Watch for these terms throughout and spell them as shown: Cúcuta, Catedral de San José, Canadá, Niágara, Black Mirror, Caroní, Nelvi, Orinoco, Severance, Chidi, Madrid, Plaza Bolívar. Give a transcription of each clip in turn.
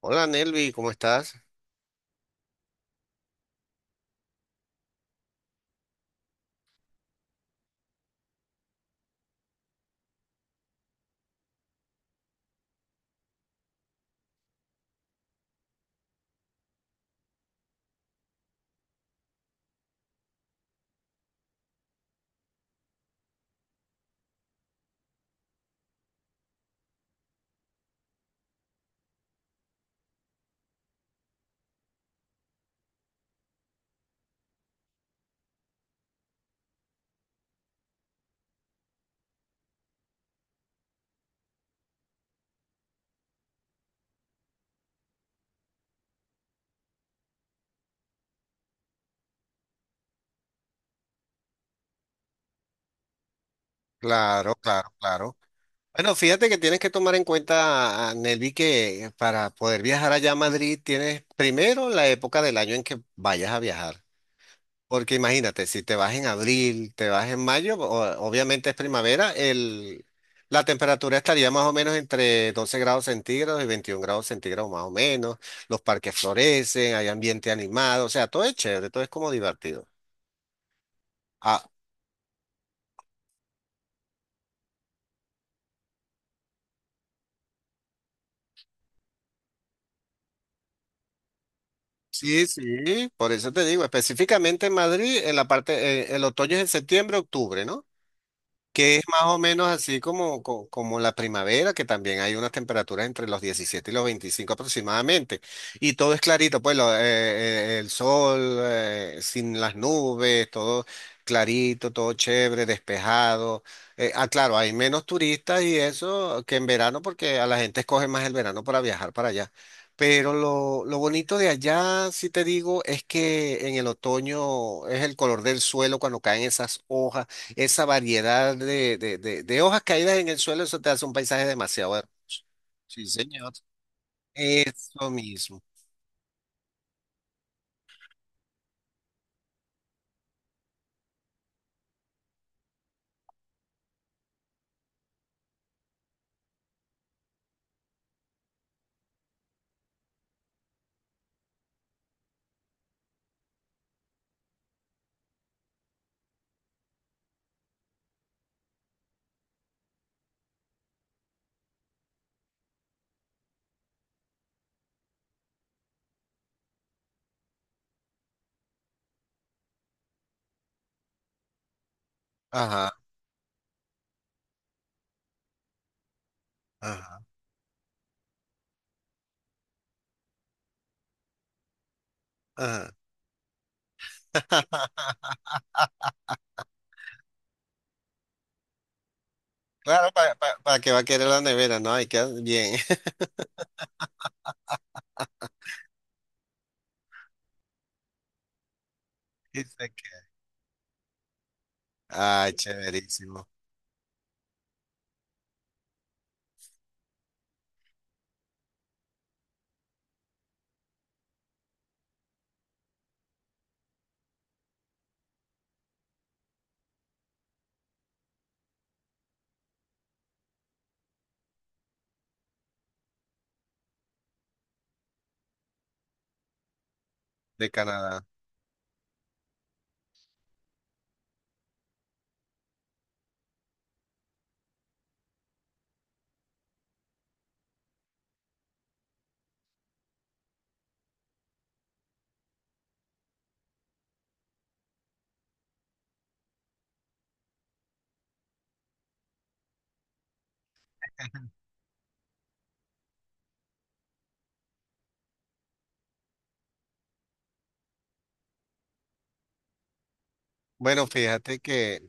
Hola, Nelvi, ¿cómo estás? Claro, claro, claro. Bueno, fíjate que tienes que tomar en cuenta, a Nelvi, que para poder viajar allá a Madrid tienes primero la época del año en que vayas a viajar. Porque imagínate, si te vas en abril, te vas en mayo, obviamente es primavera, la temperatura estaría más o menos entre 12 grados centígrados y 21 grados centígrados, más o menos. Los parques florecen, hay ambiente animado, o sea, todo es chévere, todo es como divertido. Ah. Sí, sí, por eso te digo, específicamente en Madrid, en la parte, el otoño es en septiembre, octubre, ¿no? Que es más o menos así como, como la primavera, que también hay unas temperaturas entre los 17 y los 25 aproximadamente. Y todo es clarito, pues el sol, sin las nubes, todo clarito, todo chévere, despejado. Ah, claro, hay menos turistas y eso que en verano, porque a la gente escoge más el verano para viajar para allá. Pero lo bonito de allá, si te digo, es que en el otoño es el color del suelo cuando caen esas hojas, esa variedad de de hojas caídas en el suelo, eso te hace un paisaje demasiado hermoso. Sí, señor. Eso mismo. Ajá, ajá, ajá. Claro, para, que va a querer la nevera, ¿no? Hay, que bien. Dice que... Ay, chéverísimo. De Canadá. Bueno, fíjate que,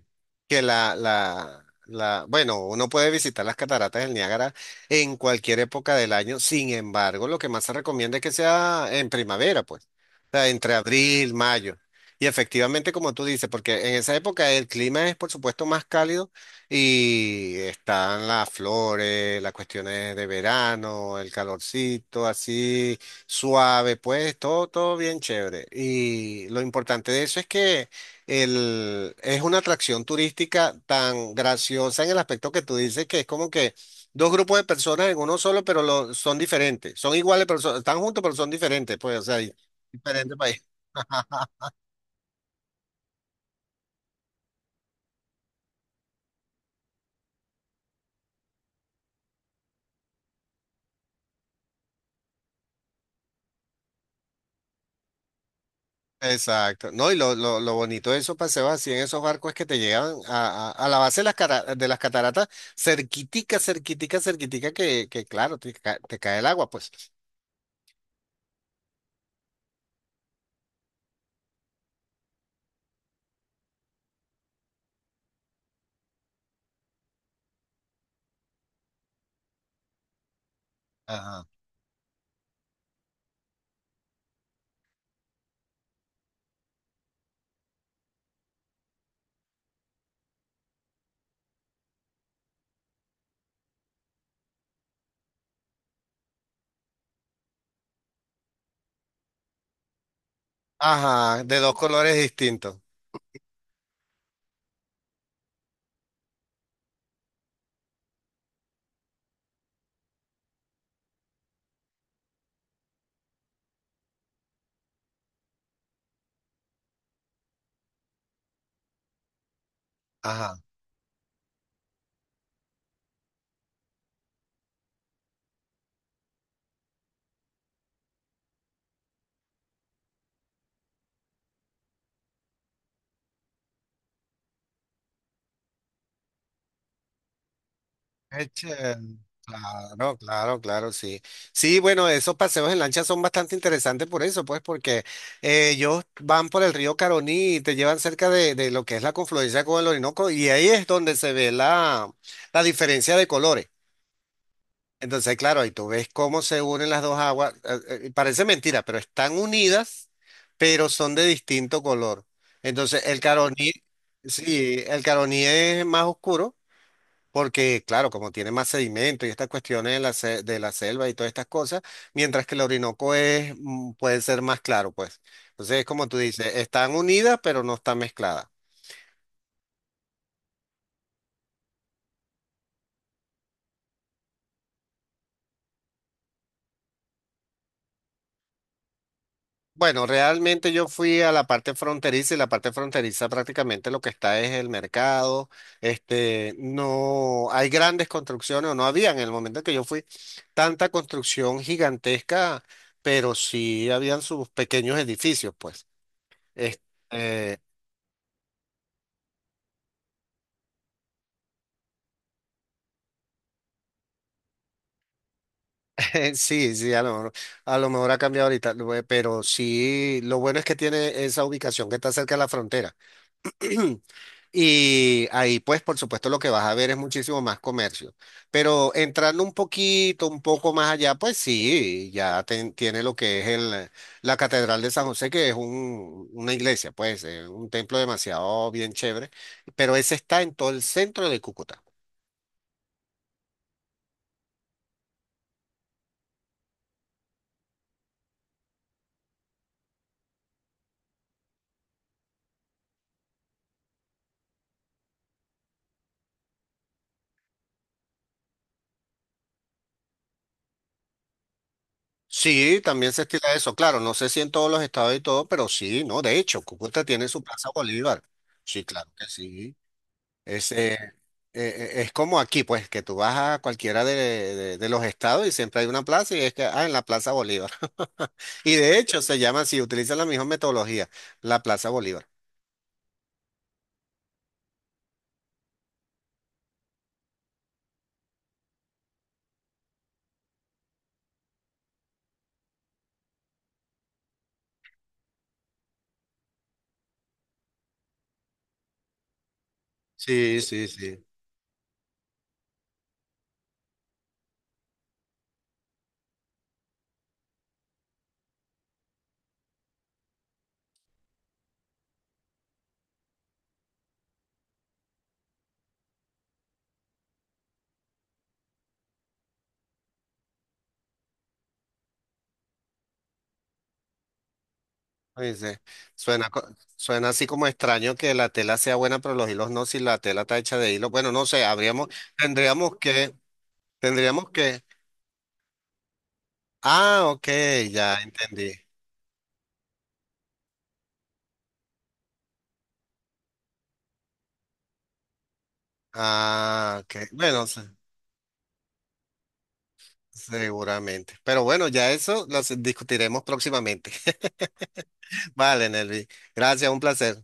bueno, uno puede visitar las cataratas del Niágara en cualquier época del año. Sin embargo, lo que más se recomienda es que sea en primavera, pues, o sea, entre abril, mayo. Y efectivamente, como tú dices, porque en esa época el clima es, por supuesto, más cálido y están las flores, las cuestiones de verano, el calorcito, así suave, pues, todo, todo bien chévere. Y lo importante de eso es que es una atracción turística tan graciosa en el aspecto que tú dices, que es como que dos grupos de personas en uno solo, pero son diferentes. Son iguales, pero están juntos, pero son diferentes, pues, o sea, y... diferentes países. Exacto. No, y lo bonito de esos paseos así en esos barcos es que te llegan a, a la base de las, de las cataratas, cerquitica, cerquitica, cerquitica, que claro, te cae el agua, pues. Ajá. Ajá, de dos colores distintos. Ajá. Eche. Claro, claro, claro, sí. Sí, bueno, esos paseos en lancha son bastante interesantes por eso, pues, porque ellos van por el río Caroní y te llevan cerca de lo que es la confluencia con el Orinoco, y ahí es donde se ve la diferencia de colores. Entonces, claro, ahí tú ves cómo se unen las dos aguas. Parece mentira, pero están unidas, pero son de distinto color. Entonces, el Caroní, sí, el Caroní es más oscuro porque, claro, como tiene más sedimento y estas cuestiones de de la selva y todas estas cosas, mientras que el Orinoco es, puede ser más claro, pues. Entonces, como tú dices, están unidas, pero no están mezcladas. Bueno, realmente yo fui a la parte fronteriza, y la parte fronteriza prácticamente lo que está es el mercado. Este, no hay grandes construcciones, o no había en el momento en que yo fui tanta construcción gigantesca, pero sí habían sus pequeños edificios, pues. Este, sí, sí, a lo mejor ha cambiado ahorita, pero sí, lo bueno es que tiene esa ubicación que está cerca de la frontera. Y ahí, pues, por supuesto, lo que vas a ver es muchísimo más comercio. Pero entrando un poquito, un poco más allá, pues sí, ya tiene lo que es la Catedral de San José, que es un, una iglesia, pues, un templo demasiado bien chévere, pero ese está en todo el centro de Cúcuta. Sí, también se estila eso, claro, no sé si en todos los estados y todo, pero sí, no, de hecho, Cúcuta tiene su Plaza Bolívar. Sí, claro que sí. Es, eh, eh, es como aquí, pues, que tú vas a cualquiera de, de los estados y siempre hay una plaza, y es que, ah, en la Plaza Bolívar. Y de hecho se llama así, utilizan la misma metodología, la Plaza Bolívar. Sí, sí, sí. Ay, sí. Suena, co- suena así como extraño que la tela sea buena, pero los hilos no, si la tela está hecha de hilo. Bueno, no sé, habríamos, tendríamos que... Tendríamos que... Ah, ok, ya entendí. Ah, ok. Bueno, seguramente. Pero bueno, ya eso lo discutiremos próximamente. Vale, Nelvi. Gracias, un placer.